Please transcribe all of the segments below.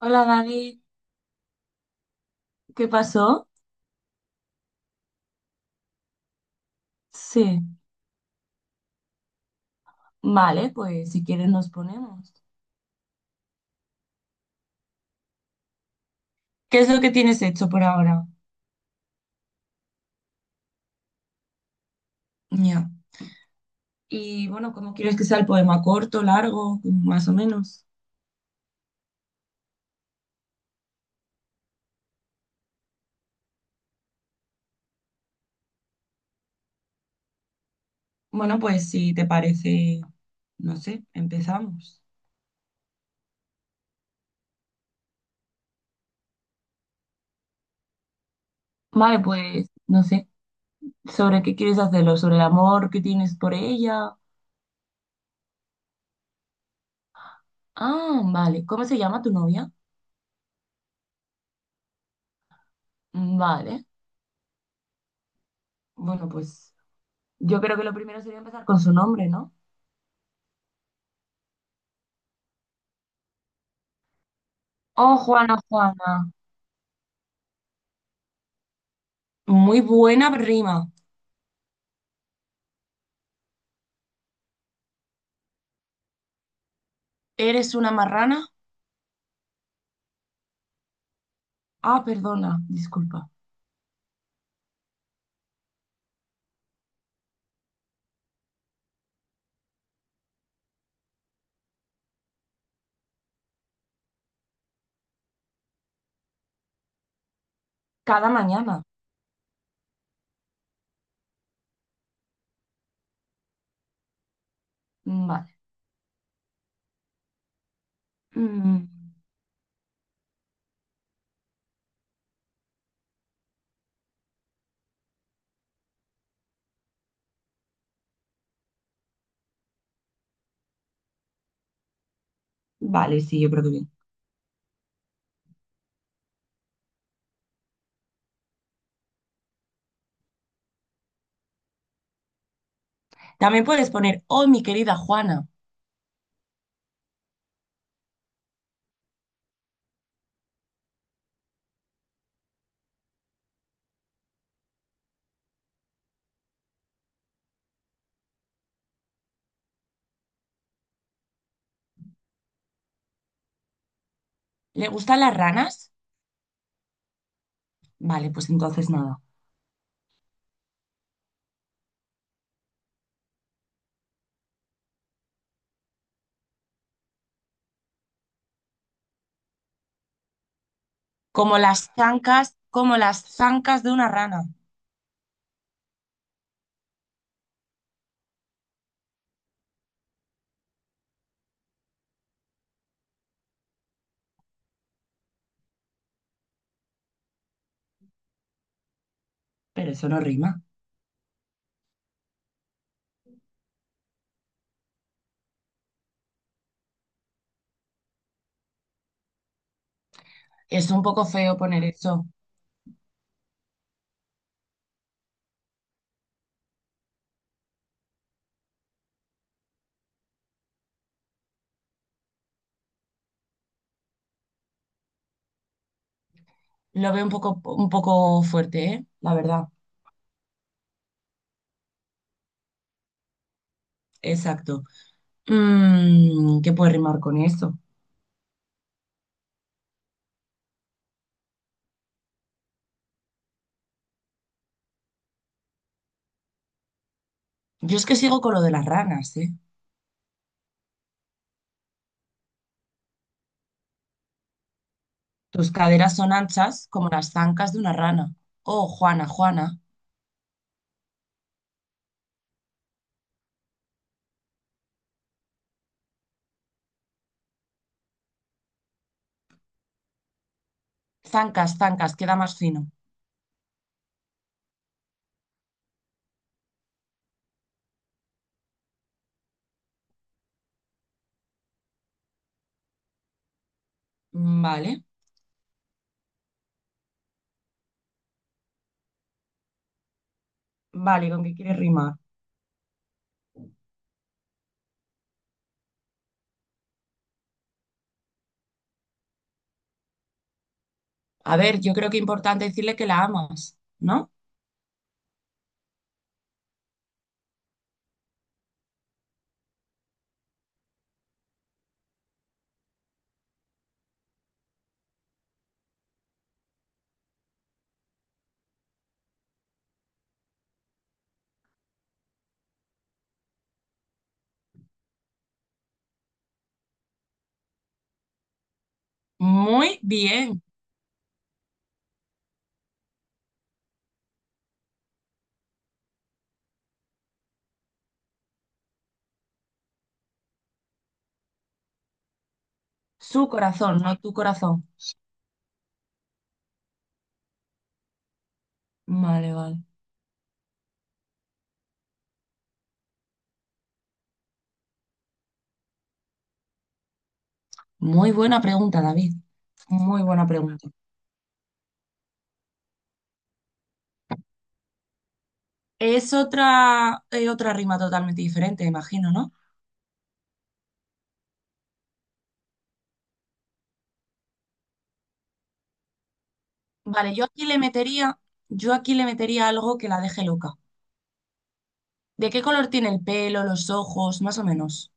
Hola Dani, ¿qué pasó? Sí, vale, pues si quieres nos ponemos. ¿Qué es lo que tienes hecho por ahora? Ya. Y bueno, ¿cómo quieres que sea el poema? ¿Corto, largo, más o menos? Bueno, pues si te parece, no sé, empezamos. Vale, pues no sé, ¿sobre qué quieres hacerlo? ¿Sobre el amor que tienes por ella? Ah, vale, ¿cómo se llama tu novia? Mm, vale, bueno, pues yo creo que lo primero sería empezar con su nombre, ¿no? Oh, Juana, Juana. Muy buena rima. ¿Eres una marrana? Ah, perdona, disculpa. Cada mañana. Mm, vale. Mm, vale, sí, yo creo que bien. También puedes poner, oh, mi querida Juana, ¿le gustan las ranas? Vale, pues entonces nada. Como las zancas de una rana. Pero eso no rima. Es un poco feo poner eso. Lo veo un poco fuerte, ¿eh? La verdad. Exacto. Mm, ¿qué puede rimar con eso? Yo es que sigo con lo de las ranas, ¿eh? Tus caderas son anchas como las zancas de una rana. Oh, Juana, Juana. Zancas, zancas, queda más fino. Mm, vale, vale, ¿con qué quieres rimar? A ver, yo creo que es importante decirle que la amas, ¿no? Muy bien. Su corazón, no tu corazón. Vale, vale. Muy buena pregunta, David. Muy buena pregunta. Es otra, otra rima totalmente diferente, imagino, ¿no? Vale, yo aquí le metería algo que la deje loca. ¿De qué color tiene el pelo, los ojos, más o menos?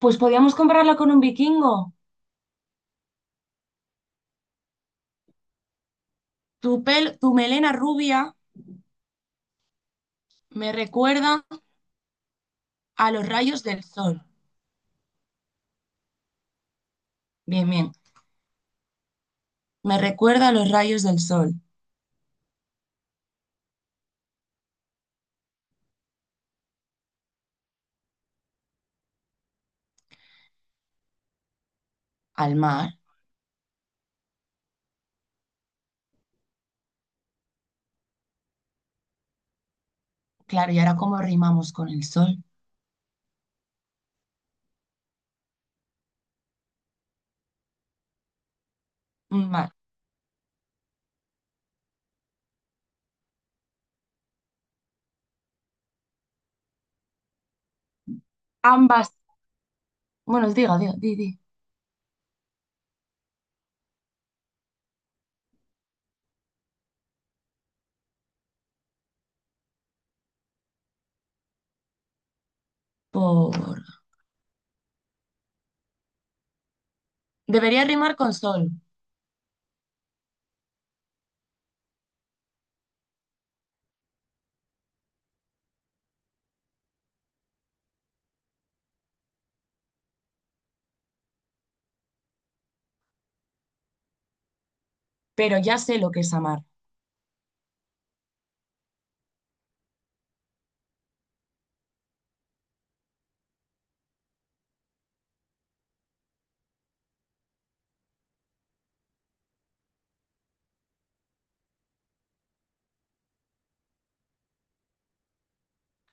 Pues podríamos compararla con un vikingo. Tu melena rubia me recuerda a los rayos del sol. Bien, bien. Me recuerda a los rayos del sol, al mar. Claro, ¿y ahora cómo rimamos con el sol? Mm, vale. Ambas. Bueno, diga, diga, di, di. Por... Debería rimar con sol, pero ya sé lo que es amar.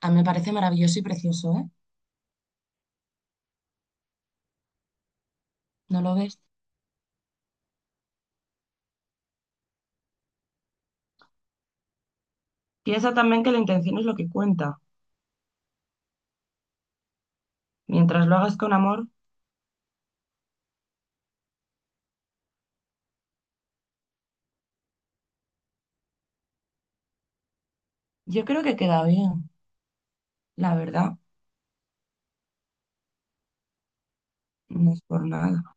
A mí me parece maravilloso y precioso, ¿eh? ¿No lo ves? Piensa también que la intención es lo que cuenta. Mientras lo hagas con amor, yo creo que queda bien, la verdad, no es por nada.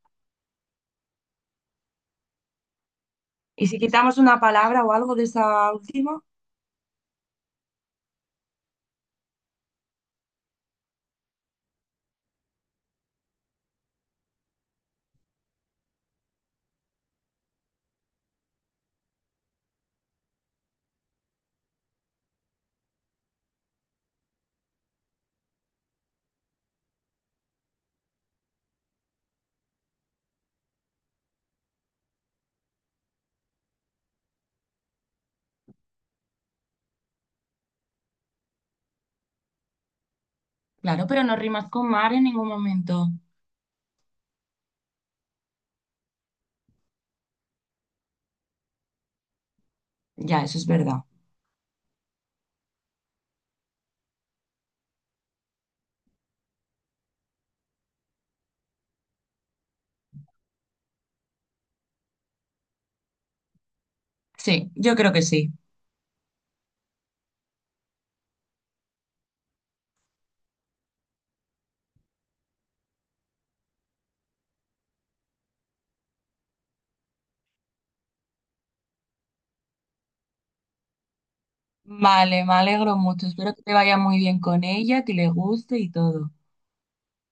¿Y si quitamos una palabra o algo de esa última? Claro, pero no rimas con mar en ningún momento. Ya, eso es verdad. Sí, yo creo que sí. Vale, me alegro mucho. Espero que te vaya muy bien con ella, que le guste y todo.